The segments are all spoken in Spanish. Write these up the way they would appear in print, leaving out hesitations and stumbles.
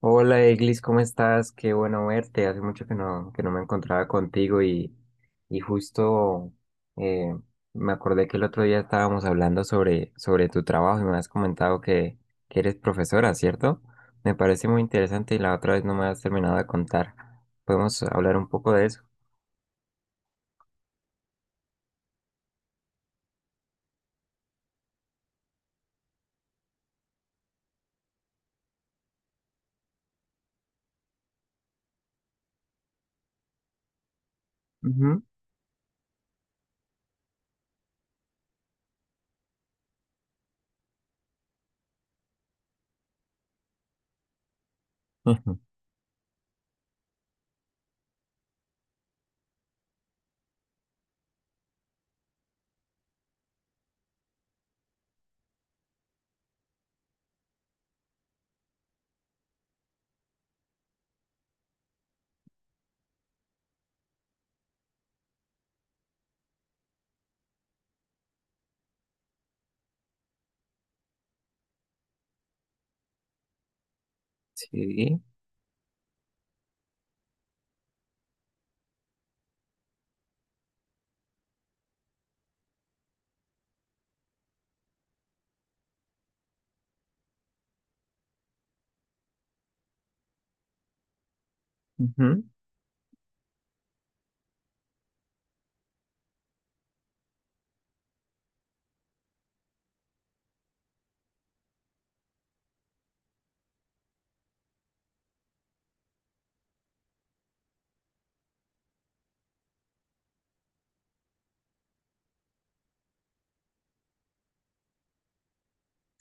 Hola Eglis, ¿cómo estás? Qué bueno verte. Hace mucho que no me encontraba contigo y justo eh, me acordé que el otro día estábamos hablando sobre tu trabajo y me has comentado que eres profesora, ¿cierto? Me parece muy interesante y la otra vez no me has terminado de contar. ¿Podemos hablar un poco de eso? Ujú. Ujú. Sí. Ujú.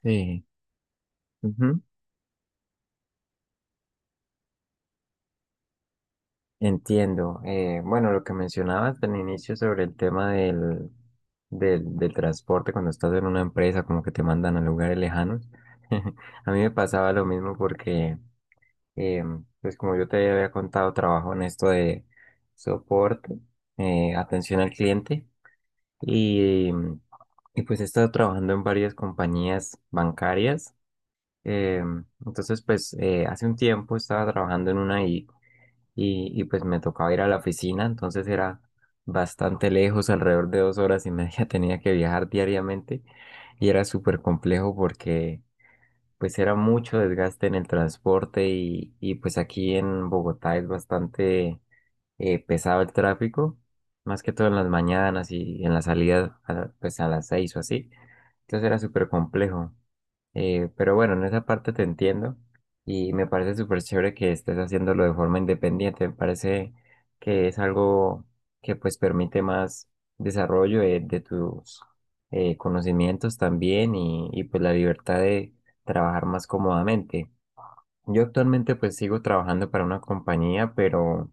Sí. Ujú. Entiendo. Bueno, lo que mencionabas al inicio sobre el tema del transporte cuando estás en una empresa, como que te mandan a lugares lejanos. A mí me pasaba lo mismo porque, eh, pues como yo te había contado, trabajo en esto de soporte, atención al cliente y, y pues he estado trabajando en varias compañías bancarias. Eh, entonces, pues hace un tiempo estaba trabajando en una y pues me tocaba ir a la oficina, entonces era bastante lejos, alrededor de dos horas y media tenía que viajar diariamente y era súper complejo porque pues era mucho desgaste en el transporte y pues aquí en Bogotá es bastante pesado el tráfico, más que todo en las mañanas y en la salida a, pues a las seis o así. Entonces era súper complejo. Pero bueno, en esa parte te entiendo y me parece súper chévere que estés haciéndolo de forma independiente. Me parece que es algo que pues permite más desarrollo de tus conocimientos también y pues la libertad de trabajar más cómodamente. Yo actualmente pues sigo trabajando para una compañía, pero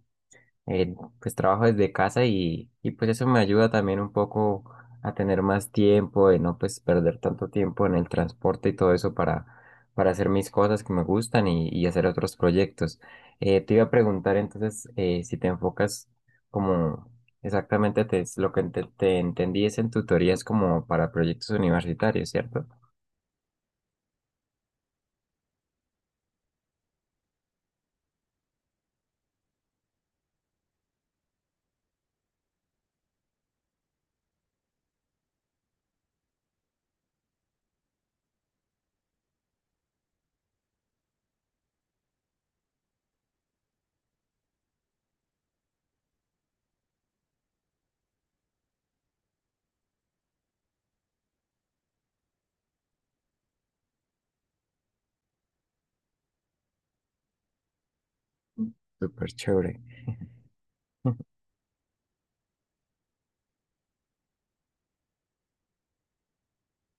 pues trabajo desde casa y pues eso me ayuda también un poco a tener más tiempo, de no pues perder tanto tiempo en el transporte y todo eso para hacer mis cosas que me gustan y hacer otros proyectos. Te iba a preguntar entonces si te enfocas como exactamente lo que te entendí es en tutorías como para proyectos universitarios, ¿cierto? Súper chévere.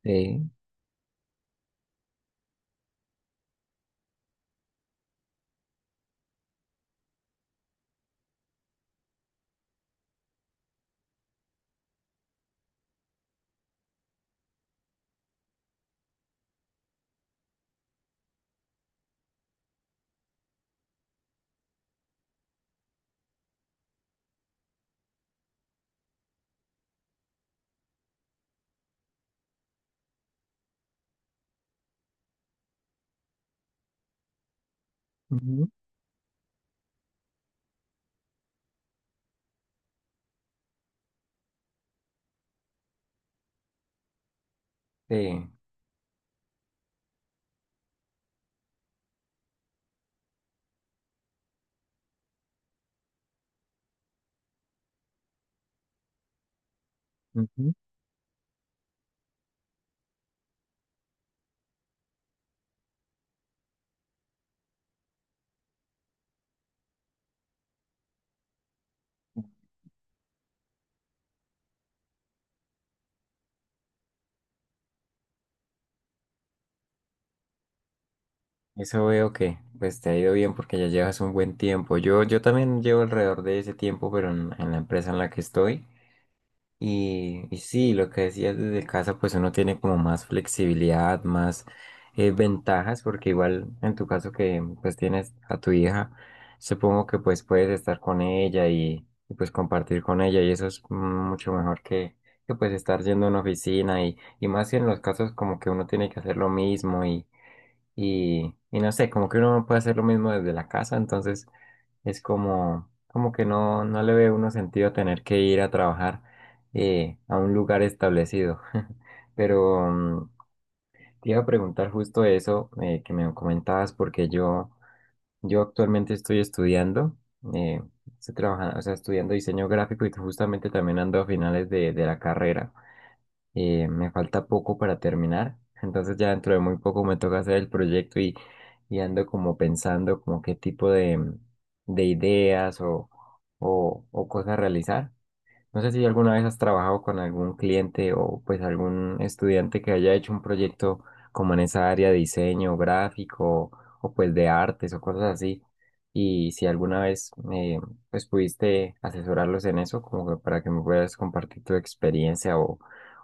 Sí. Ujú. Sí. Ujú. Eso veo que pues te ha ido bien porque ya llevas un buen tiempo. Yo también llevo alrededor de ese tiempo, pero en la empresa en la que estoy. Y sí, lo que decías desde casa, pues uno tiene como más flexibilidad, más ventajas, porque igual en tu caso que pues tienes a tu hija, supongo que pues puedes estar con ella pues compartir con ella y eso es mucho mejor que pues estar yendo a una oficina y más si en los casos como que uno tiene que hacer lo mismo y no sé, como que uno puede hacer lo mismo desde la casa, entonces es como, como que no le ve uno sentido tener que ir a trabajar a un lugar establecido. Pero te iba a preguntar justo eso que me comentabas, porque yo actualmente estoy estudiando, eh, estoy trabajando, o sea, estudiando diseño gráfico y justamente también ando a finales de la carrera me falta poco para terminar, entonces ya dentro de muy poco me toca hacer el proyecto y ando como pensando como qué tipo de ideas o cosas realizar. No sé si alguna vez has trabajado con algún cliente o pues algún estudiante que haya hecho un proyecto como en esa área de diseño gráfico o pues de artes o cosas así. Y si alguna vez pues pudiste asesorarlos en eso, como que para que me puedas compartir tu experiencia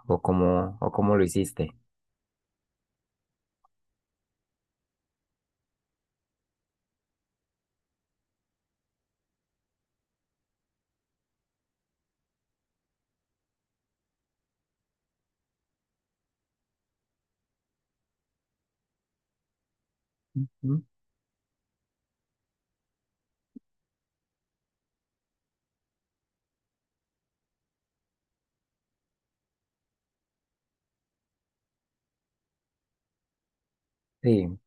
o cómo lo hiciste. ¿Mm? Sí,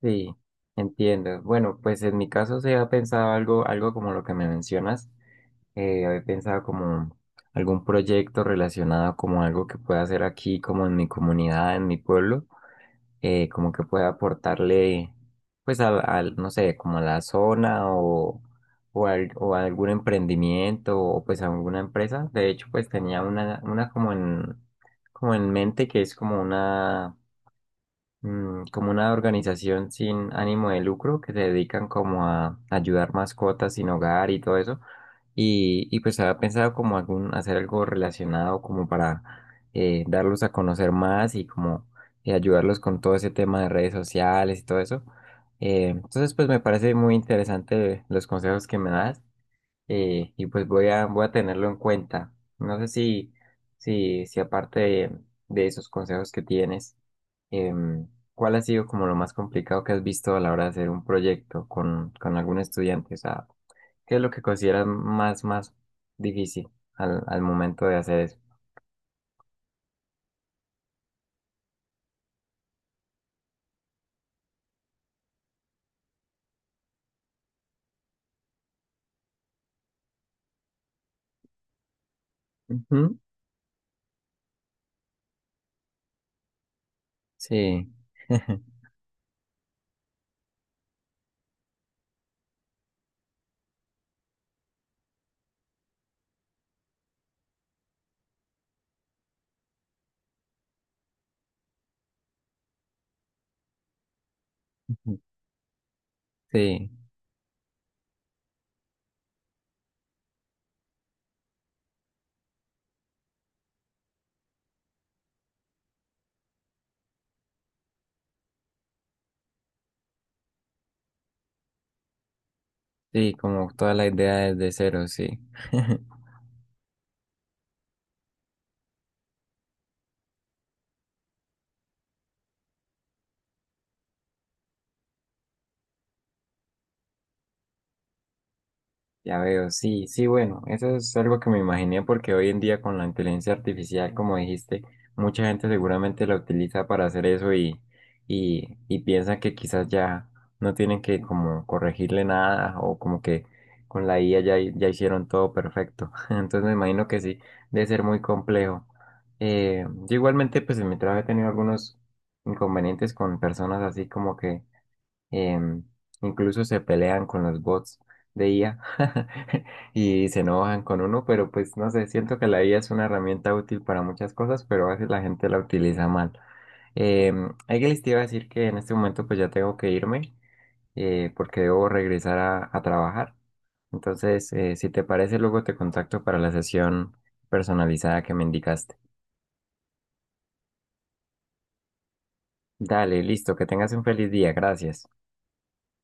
sí, entiendo. Bueno, pues en mi caso se ha pensado algo, algo como lo que me mencionas. Había pensado como algún proyecto relacionado como algo que pueda hacer aquí, como en mi comunidad, en mi pueblo, como que pueda aportarle, pues, al, no sé, como a la zona o, o a algún emprendimiento o pues a alguna empresa. De hecho, pues tenía una como como en mente que es como una como una organización sin ánimo de lucro que se dedican como a ayudar mascotas sin hogar y todo eso. Y pues había pensado como algún, hacer algo relacionado como para darlos a conocer más y como ayudarlos con todo ese tema de redes sociales y todo eso. Entonces pues me parece muy interesante los consejos que me das y pues voy a tenerlo en cuenta. No sé si aparte de esos consejos que tienes, em, ¿cuál ha sido como lo más complicado que has visto a la hora de hacer un proyecto con algún estudiante? O sea, ¿qué es lo que consideras más difícil al momento de hacer eso? Ujú. Sí. sí, sí, Como toda la idea desde cero, sí. Ya veo, sí, sí, bueno, eso es algo que me imaginé porque hoy en día con la inteligencia artificial, como dijiste, mucha gente seguramente la utiliza para hacer eso y piensa que quizás ya no tienen que como corregirle nada o como que con la IA ya, ya hicieron todo perfecto. Entonces me imagino que sí, debe ser muy complejo. Yo igualmente pues en mi trabajo he tenido algunos inconvenientes con personas así como que em, incluso se pelean con los bots de IA y se enojan con uno, pero pues no sé, siento que la IA es una herramienta útil para muchas cosas, pero a veces la gente la utiliza mal. Em, Eglis, te iba a decir que en este momento pues ya tengo que irme porque debo regresar a trabajar. Entonces, si te parece, luego te contacto para la sesión personalizada que me indicaste. Dale, listo, que tengas un feliz día, gracias.